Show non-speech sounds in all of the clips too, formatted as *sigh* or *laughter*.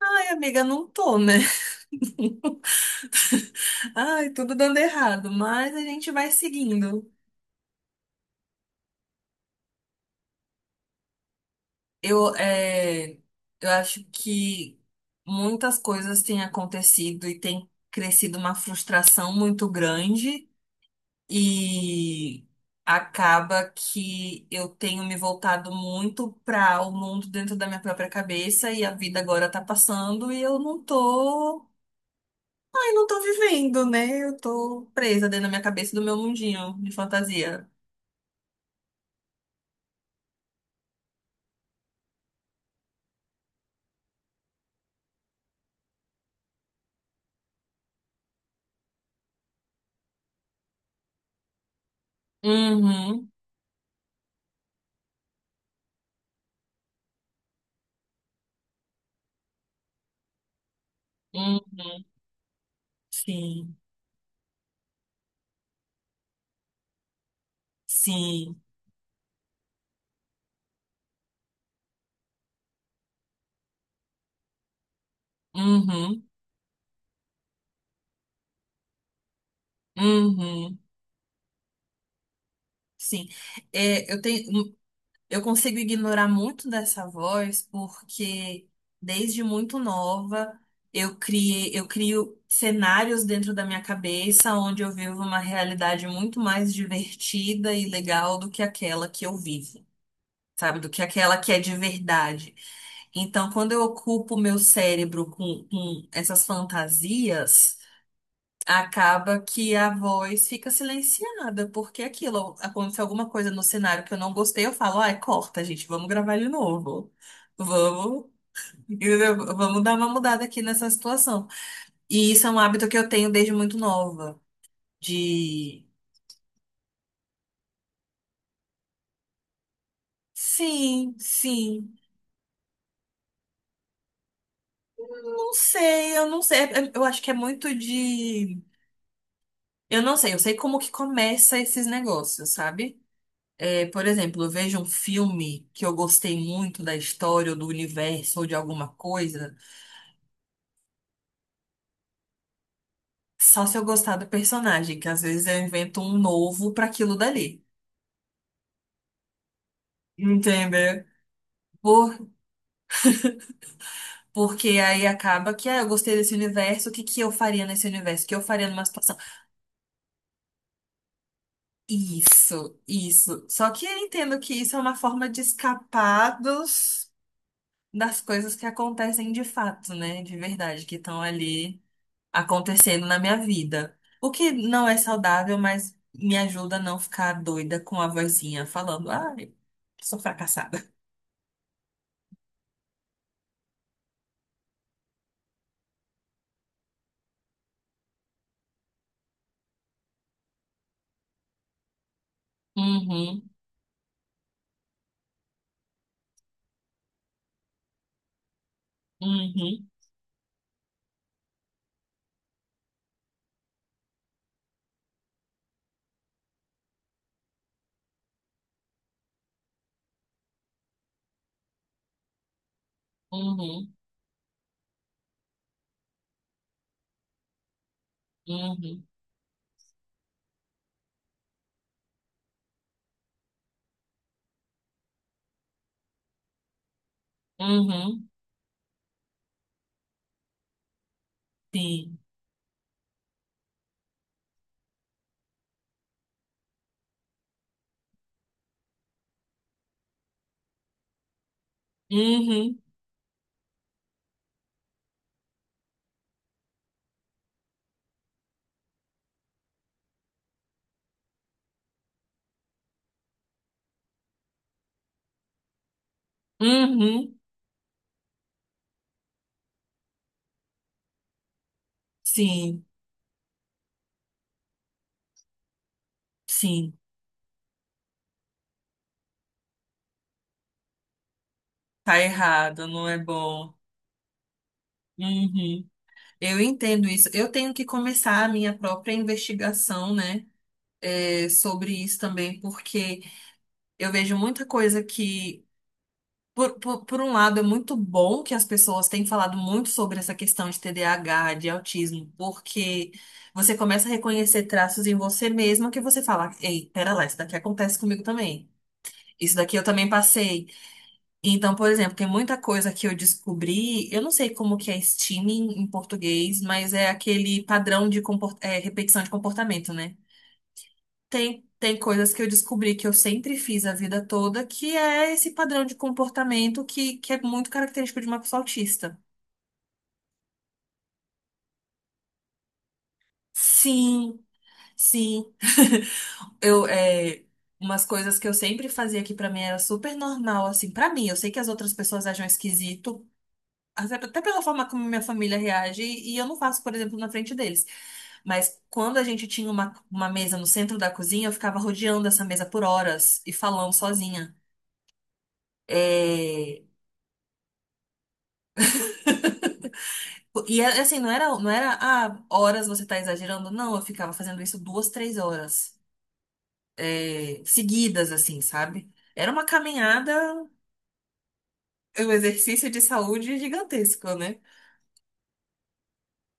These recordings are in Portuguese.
Ai, amiga, não tô, né? *laughs* Ai, tudo dando errado, mas a gente vai seguindo. Eu, é, eu acho que muitas coisas têm acontecido e tem crescido uma frustração muito grande e acaba que eu tenho me voltado muito para o mundo dentro da minha própria cabeça e a vida agora tá passando e eu não tô. Ai, não tô vivendo, né? Eu tô presa dentro da minha cabeça do meu mundinho de fantasia. Uhum, uhum, sim, sim, uhum, uhum, sim. É, eu consigo ignorar muito dessa voz porque desde muito nova eu crio cenários dentro da minha cabeça onde eu vivo uma realidade muito mais divertida e legal do que aquela que eu vivo, sabe? Do que aquela que é de verdade. Então, quando eu ocupo o meu cérebro com essas fantasias, acaba que a voz fica silenciada, porque é aquilo, acontece alguma coisa no cenário que eu não gostei, eu falo, ai, corta, gente, vamos gravar de novo. Vamos, entendeu? Vamos dar uma mudada aqui nessa situação. E isso é um hábito que eu tenho desde muito nova. De Sim, sim. Não sei, eu não sei. Eu acho que é muito de. Eu não sei, eu sei como que começa esses negócios, sabe? É, por exemplo, eu vejo um filme que eu gostei muito da história ou do universo ou de alguma coisa, só se eu gostar do personagem, que às vezes eu invento um novo para aquilo dali. Entendeu? Por, porque aí acaba que, ah, eu gostei desse universo, o que que eu faria nesse universo? O que eu faria numa situação? Isso, isso. Só que eu entendo que isso é uma forma de escapar dos das coisas que acontecem de fato, né? De verdade, que estão ali acontecendo na minha vida. O que não é saudável, mas me ajuda a não ficar doida com a vozinha falando, ai, sou fracassada. Uhum, uhum, uhum, uhum, uhum, sim. Uhum, uhum, sim, sim. Tá errado, não é bom. Uhum. Eu entendo isso. Eu tenho que começar a minha própria investigação, né? Sobre isso também, porque eu vejo muita coisa que, por um lado, é muito bom que as pessoas têm falado muito sobre essa questão de TDAH, de autismo, porque você começa a reconhecer traços em você mesma que você fala, ei, pera lá, isso daqui acontece comigo também. Isso daqui eu também passei. Então, por exemplo, tem muita coisa que eu descobri, eu não sei como que é steaming em português, mas é aquele padrão de repetição de comportamento, né? Tem coisas que eu descobri que eu sempre fiz a vida toda, que é esse padrão de comportamento que é muito característico de uma pessoa autista. Sim, sim. *laughs* Eu, é, umas coisas que eu sempre fazia que pra mim era super normal, assim, pra mim. Eu sei que as outras pessoas acham esquisito, até pela forma como minha família reage, e eu não faço, por exemplo, na frente deles. Mas quando a gente tinha uma mesa no centro da cozinha, eu ficava rodeando essa mesa por horas e falando sozinha. É, é assim, não era, ah, horas você tá exagerando. Não, eu ficava fazendo isso 2, 3 horas, seguidas, assim, sabe? Era uma caminhada, um exercício de saúde gigantesco, né?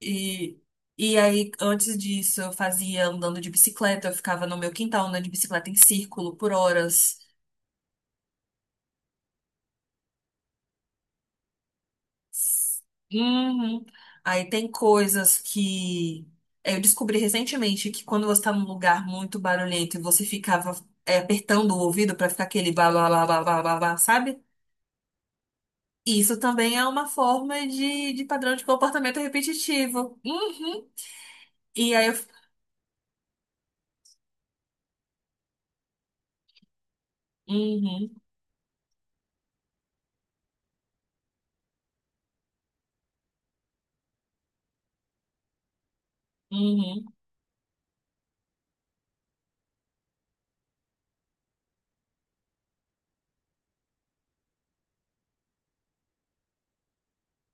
E, e aí, antes disso, eu fazia andando de bicicleta, eu ficava no meu quintal andando de bicicleta em círculo por horas. Uhum. Aí tem coisas que eu descobri recentemente que quando você tá num lugar muito barulhento e você ficava apertando o ouvido pra ficar aquele blá blá blá blá blá blá, blá, sabe? Isso também é uma forma de padrão de comportamento repetitivo. Uhum. E aí eu. Uhum, uhum,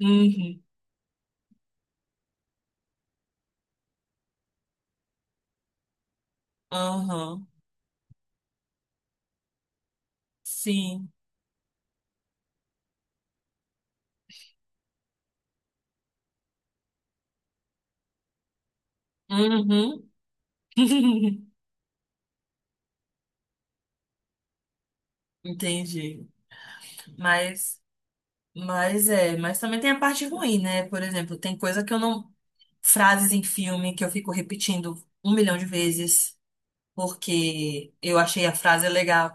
uhum, aham, sim, uhum. *laughs* Entendi. Mas. Mas também tem a parte ruim, né? Por exemplo, tem coisa que eu não. Frases em filme que eu fico repetindo um milhão de vezes, porque eu achei a frase legal.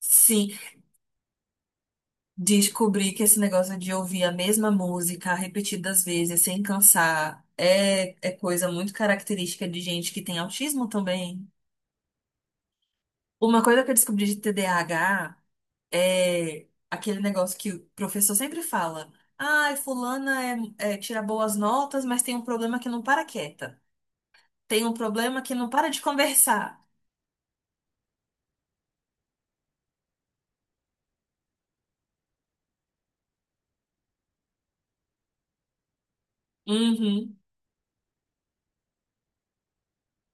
Sim, descobri que esse negócio de ouvir a mesma música repetidas vezes, sem cansar, é coisa muito característica de gente que tem autismo também. Uma coisa que eu descobri de TDAH. É aquele negócio que o professor sempre fala. Ai, fulana tira boas notas, mas tem um problema que não para quieta. Tem um problema que não para de *laughs* conversar. Uhum.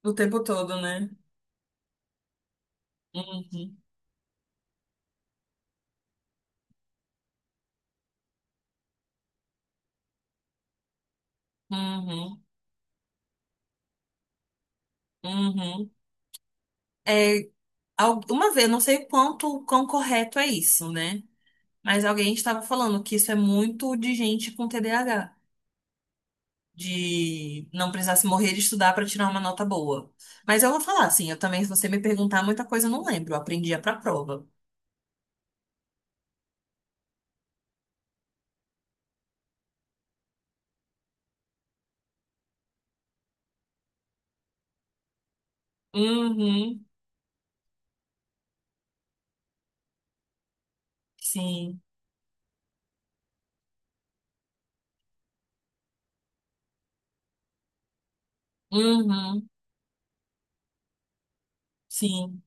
O tempo todo, né? Uhum. Uhum. Uhum. É, uma vez, eu não sei o quanto, o quão correto é isso, né? Mas alguém estava falando que isso é muito de gente com TDAH, de não precisasse morrer de estudar para tirar uma nota boa. Mas eu vou falar assim, eu também, se você me perguntar muita coisa, eu não lembro, eu aprendia para prova. Uhum, sim. Uhum, sim.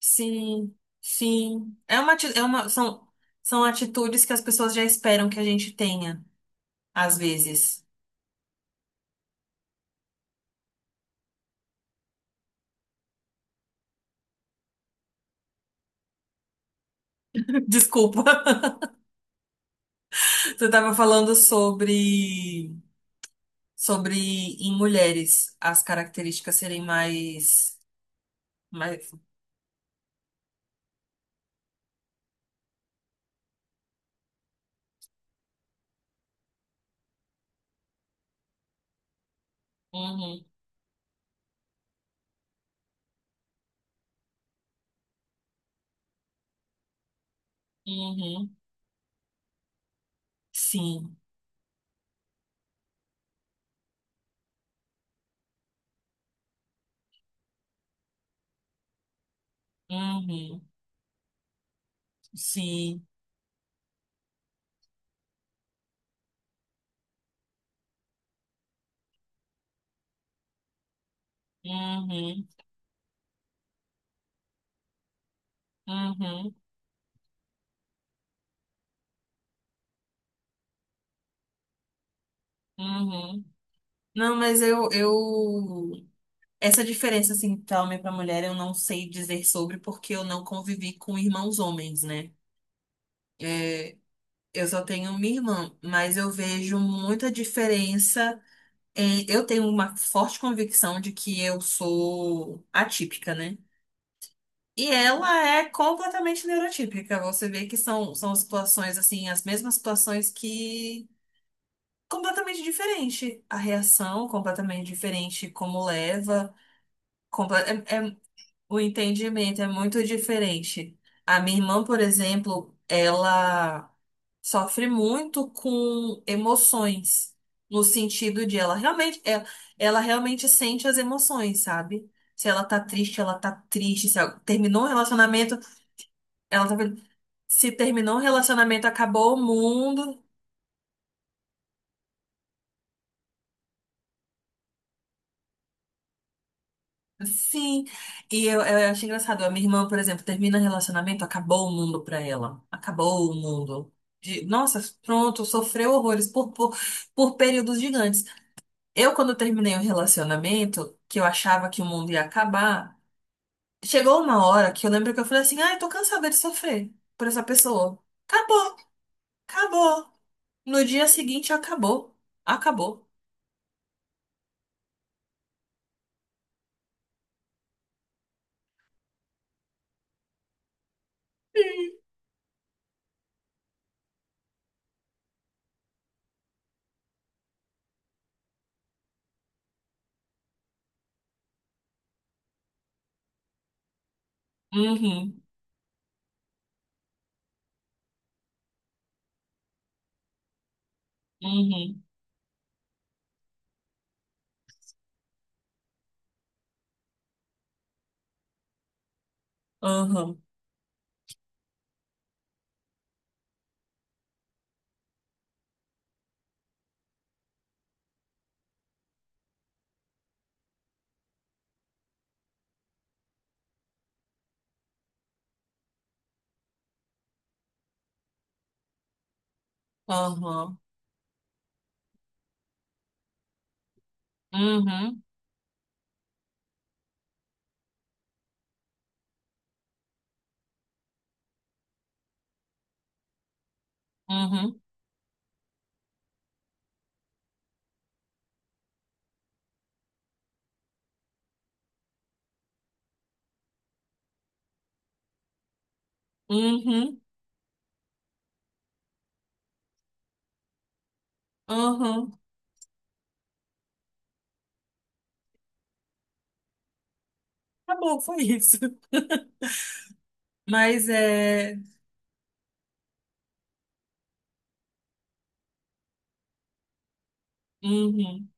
Sim. Sim. É uma, ati- é uma são são atitudes que as pessoas já esperam que a gente tenha, às vezes. *laughs* Desculpa. *laughs* Você estava falando sobre em mulheres as características serem mais. Uhum, uhum, sim. Uhum, sim. Uhum, uhum, uhum. Não, mas Essa diferença, assim, pra homem e pra mulher, eu não sei dizer sobre porque eu não convivi com irmãos homens, né? É, eu só tenho minha irmã, mas eu vejo muita diferença Eu tenho uma forte convicção de que eu sou atípica, né? E ela é completamente neurotípica. Você vê que são situações, assim, as mesmas situações que completamente diferente. A reação completamente diferente, como leva, comple- é- é- o entendimento é muito diferente. A minha irmã, por exemplo, ela sofre muito com emoções, no sentido de ela realmente sente as emoções, sabe? Se ela tá triste, ela tá triste. Se ela terminou um relacionamento, ela tá. Se terminou um relacionamento, acabou o mundo. Sim, e eu acho engraçado. A minha irmã, por exemplo, termina relacionamento, acabou o mundo pra ela. Acabou o mundo. Nossa, pronto, sofreu horrores por períodos gigantes. Eu, quando terminei o relacionamento, que eu achava que o mundo ia acabar, chegou uma hora que eu lembro que eu falei assim: ai, tô cansada de sofrer por essa pessoa. Acabou, acabou. No dia seguinte, acabou. Acabou. Uhum, uhum, uhum, uhum, uhum, uhum. Uhum, uhum. Tá bom, foi isso. *laughs* Mas é. Uhum.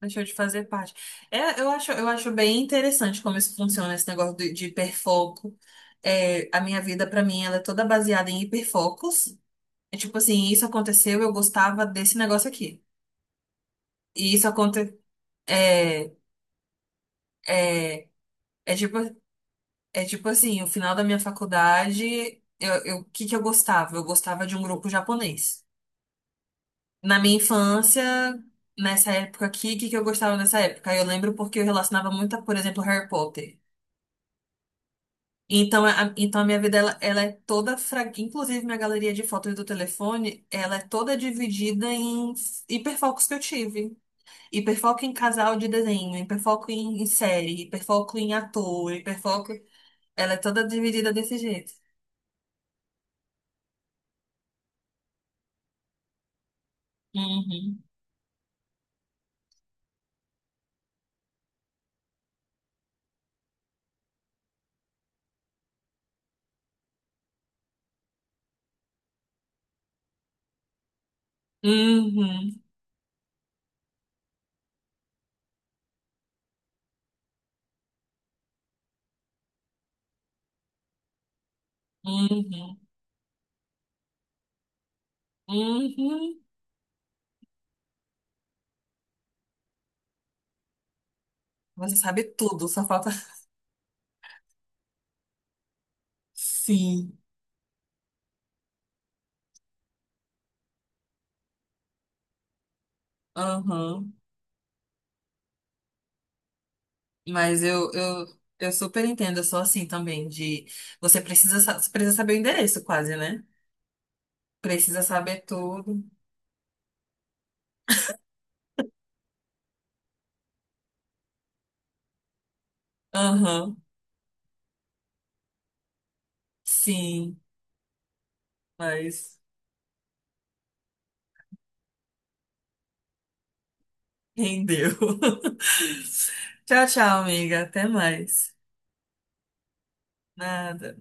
Deixou de fazer parte. É, eu acho, bem interessante como isso funciona, esse negócio de hiperfoco. É, a minha vida, pra mim, ela é toda baseada em hiperfocos. É tipo assim, isso aconteceu, eu gostava desse negócio aqui. E isso aconteceu. É, é, é tipo, é tipo assim, o final da minha faculdade, o que que eu gostava? Eu gostava de um grupo japonês. Na minha infância, nessa época aqui, o que que eu gostava nessa época? Eu lembro porque eu relacionava muito, a, por exemplo, Harry Potter. Então a minha vida, ela é toda, inclusive minha galeria de fotos do telefone, ela é toda dividida em hiperfocos que eu tive. Hiperfoco em casal de desenho, hiperfoco em série, hiperfoco em ator, hiperfoco. Ela é toda dividida desse jeito. Uhum. Uhum. Uhum. Uhum. Você sabe tudo, só falta. *laughs* Sim. Aham. Mas eu super entendo, eu sou assim também, de você precisa saber o endereço quase, né? Precisa saber tudo. Aham. Sim, mas rendeu. *laughs* Tchau, tchau, amiga. Até mais. Nada.